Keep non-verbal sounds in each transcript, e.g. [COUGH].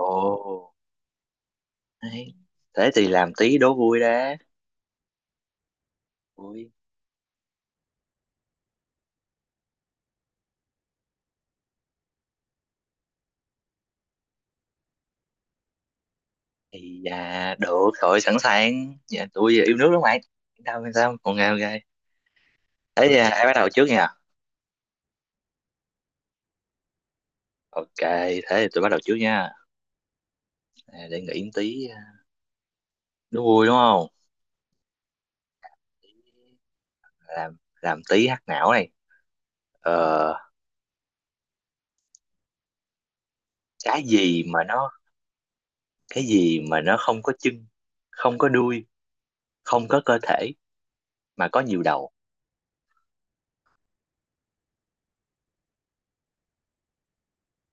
Ồ, đấy. Thế thì làm tí đố vui đã. Vui. Thì được rồi, sẵn sàng. Dạ, tôi yêu nước lắm mày. Yên tâm, yên tâm, còn ngào gai. Thế thì ai bắt đầu trước nha? Ok, thế thì tôi bắt đầu trước nha. À, để nghĩ tí đố vui đúng không? Làm làm tí hack não này. Ờ, cái gì mà nó cái gì mà nó không có chân, không có đuôi, không có cơ thể mà có nhiều đầu.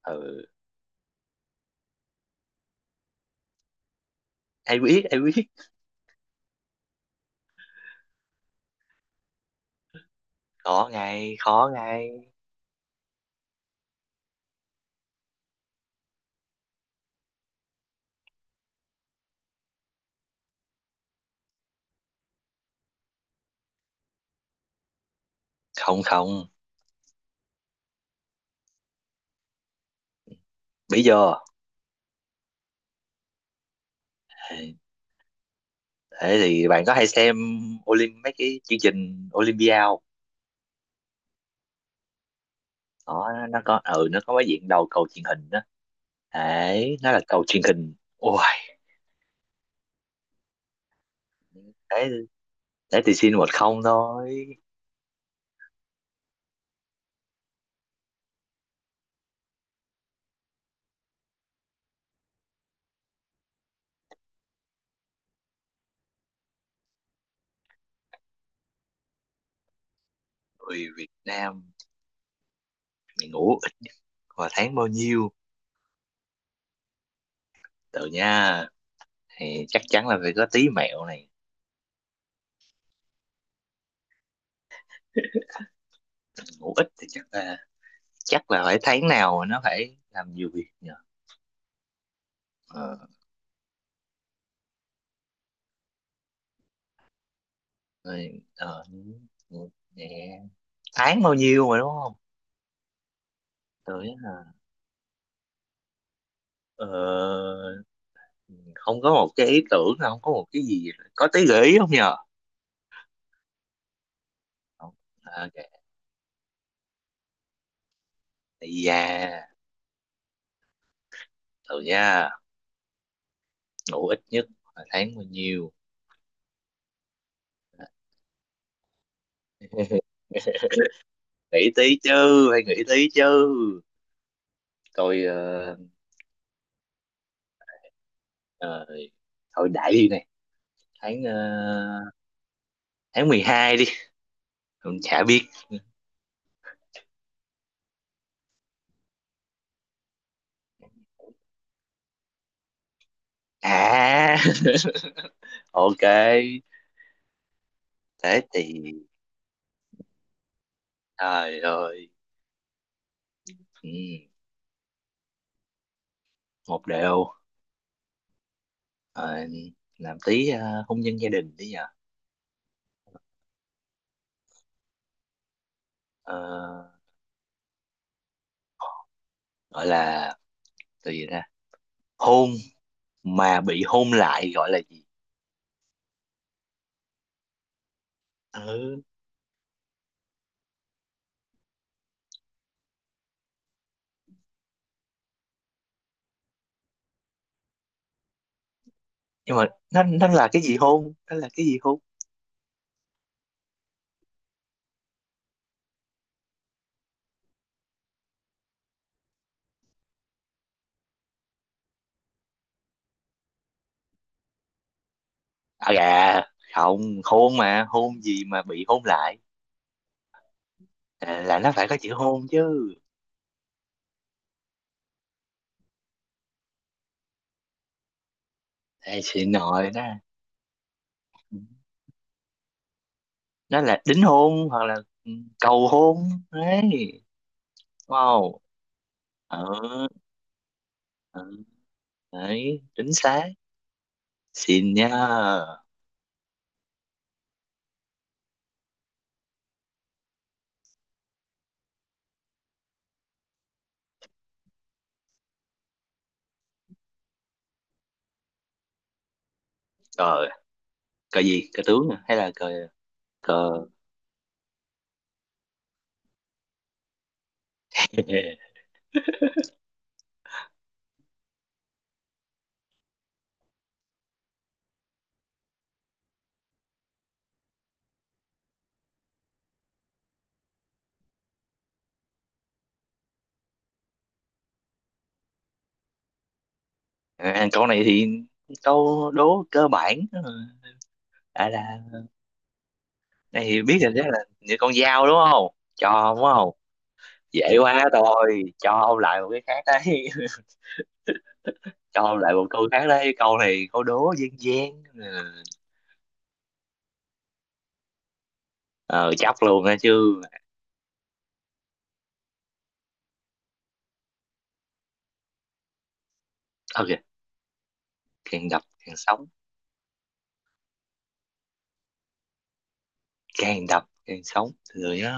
Ừ, ai biết, ai biết. Khó ngay, khó ngay. Không không, bây giờ. Thế thì bạn có hay xem mấy cái chương trình Olympia không? Đó, nó có cái diện đầu cầu truyền hình đó, đấy nó là cầu truyền hình. Ôi, thế thế thì xin 1-0 thôi. Người Việt Nam mày ngủ ít vào tháng bao nhiêu, tự nha? Thì chắc chắn là phải có tí mẹo này. Ngủ ít thì chắc là, phải tháng nào mà nó phải làm nhiều việc nhờ. ờ, rồi, ờ, ngủ- Nè, tháng bao nhiêu mà đúng không, tự nhá? ờ, Không có một cái ý tưởng, không có một cái gì, có tí gợi ý không nhờ? Không. À, ok. Ây Thử nha, ngủ ít nhất là tháng bao nhiêu? Nghĩ tí chứ, phải nghĩ tí chứ. tôi ờ, ờ, Thôi đại đi này. tháng ờ, tháng 12 đi. Không, chả biết. À, [LAUGHS] ok. Thế thì trời ơi. ừ, Một đều. Ờ, làm tí hôn nhân gia đình đi nhờ. Ờ, gọi là từ gì ra, hôn mà bị hôn lại gọi là gì? Ừ. Nhưng mà nó là cái gì, hôn nó là cái gì, hôn? À gà, không hôn mà hôn gì mà bị hôn lại? À, là nó phải có chữ hôn chứ. Ê, chị nội đó, nó là đính hôn hoặc là, ừ, cầu hôn đấy. Wow. Ừ, ừ. Đấy, chính xác. Xin nha. Cờ. Cờ gì cờ tướng à? Hay là cờ? Cờ. [LAUGHS] À, câu này thì câu đố cơ bản, à là, này thì biết rồi, đó là như con dao đúng không? Cho đúng không, dễ quá. Thôi cho ông lại một cái khác đấy. [LAUGHS] Cho ông lại một câu khác đấy, câu này câu đố dân gian. Ừ. Ờ, chắc luôn đó chứ. Ok, càng đập càng sống. Càng đập càng sống, từ từ nhá.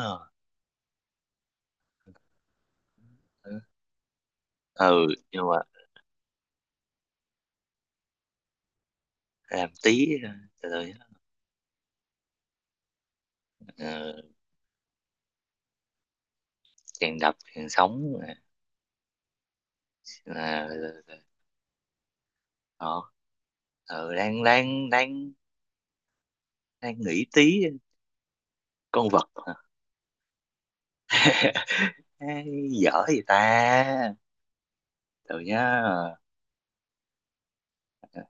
Ừ, nhưng mà làm tí, từ từ nhá. Ờ, càng đập càng sống là, là, là, là, ờ, ừ, đang đang đang đang nghĩ tí. Con vật hả? Dở gì ta, từ nhá.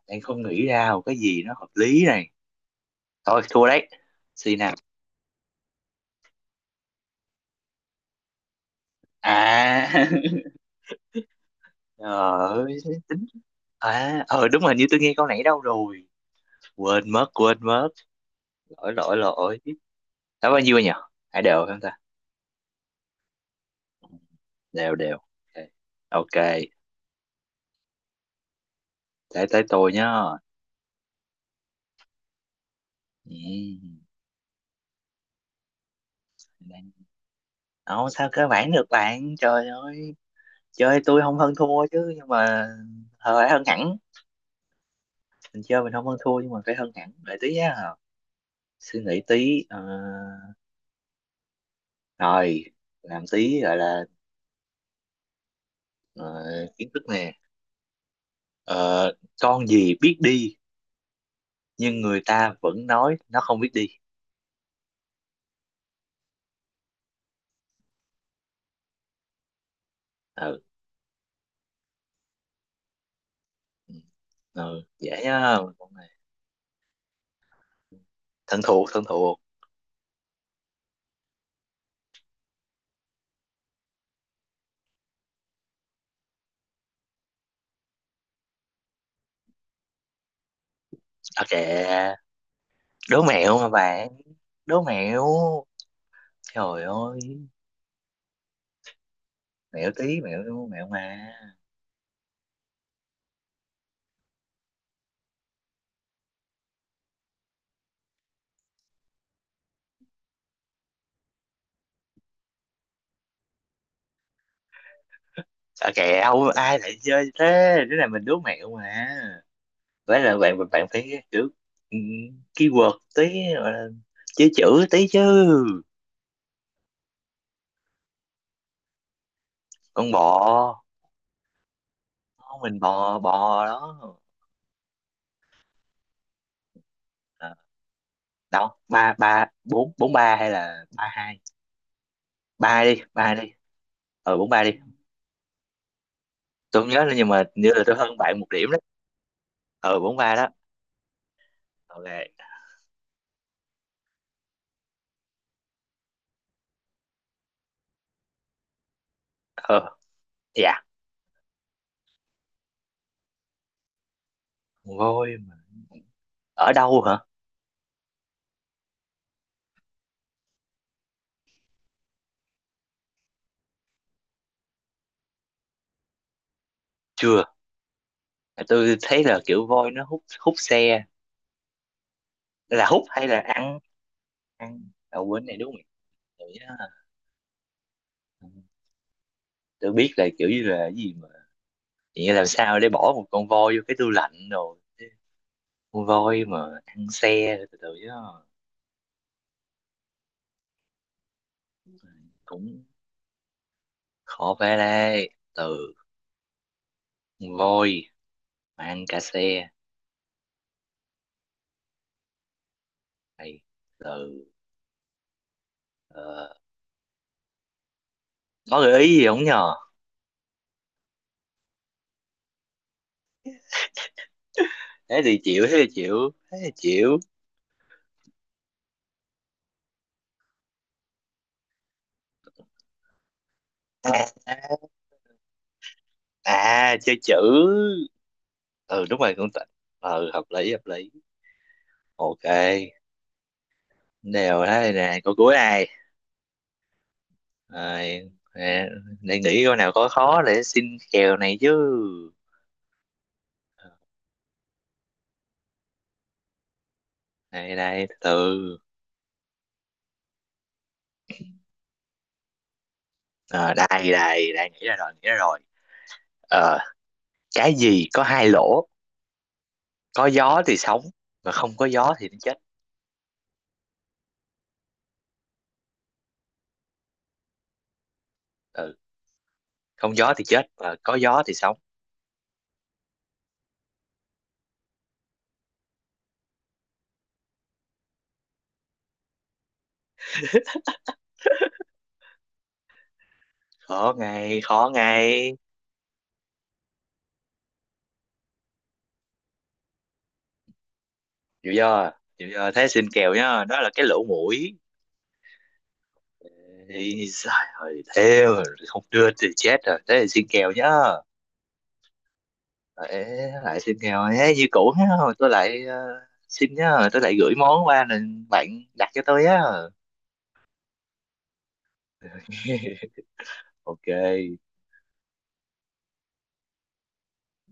Đang không nghĩ ra một cái gì nó hợp lý này. Thôi thua đấy, xin nào. À. [LAUGHS] Ờ, tính, à ờ đúng rồi, như tôi nghe câu nãy đâu rồi, quên mất, quên mất. Lỗi, lỗi, lỗi. Đã bao nhiêu nhỉ, hai đều không ta? Đều đều, ok. Ok, thế tới tôi nhá. Ừ. Đang- Sao cơ bản được bạn, trời ơi. Chơi tôi không hơn thua chứ, nhưng mà, ờ, phải hơn hẳn. Mình chơi mình không hơn thua, nhưng mà phải hơn hẳn. Để tí á, suy nghĩ tí. Ờ, Rồi, làm tí gọi là, ờ, kiến thức nè. Ờ, con gì biết đi nhưng người ta vẫn nói nó không biết đi? Ừ, ừ, dễ á, con này thân thuộc, thân thuộc. Ok, đố mẹo mà bạn, đố mẹo, trời ơi. Mẹo tí, mẹo, mẹo mà. Sao kẹo ai lại chơi thế, đứa này mình đố mẹo mà. Vậy là bạn bạn phải kiểu, ừ, keyword tí, gọi là chữ, chữ tí chứ. Con bò. Không, mình bò, bò đó. À, đâu, ba ba bốn bốn ba hay là 3-2? Ba hai đi, 3-2 đi. Ờ, 4-3 đi. Tôi không nhớ nữa nhưng mà như là tôi hơn bạn một điểm đấy. Ờ, bốn ba đó, ok. Ờ, dạ, voi mà. Ở đâu hả? Chưa, tôi thấy là kiểu voi nó hút hút xe. Là hút hay là ăn? Ăn à, quên này đúng không? Tụi ừ, tôi biết là kiểu như là cái gì mà, chỉ làm sao để bỏ một con voi vô cái tủ lạnh rồi chứ. Con voi mà ăn xe, từ từ chứ. Cũng khó, phải đây, từ, con voi mà ăn cả xe này, từ ờ, có gợi ý gì không nhờ? Thế thì chịu, thế thì chịu, thế thì chịu. À. Chơi chữ. Ừ đúng rồi, cũng tịnh. Ừ hợp lý, hợp lý. Ok, đều thế. Này nè, câu cuối này. Rồi, nè, để nghĩ coi nào, có khó để xin kèo này chứ. Đây đây, từ từ. Ờ, đây đây đây, nghĩ ra rồi, nghĩ ra rồi. Ờ, cái gì có hai lỗ, có gió thì sống mà không có gió thì nó chết? Ừ, không gió thì chết mà có gió thì sống. Khó ngay, khó ngay. Chịu chưa? Chịu chưa? Thế xin kèo nhá, đó là cái lỗ mũi. Thì trời ơi, thế mà không đưa thì chết rồi. Thế thì xin kèo nhá. Ờ, ê, lại xin nghèo ấy, như cũ á, rồi tôi lại, ờ, xin nhá, rồi tôi lại gửi món qua nên bạn đặt cho tôi á. [LAUGHS] Ok.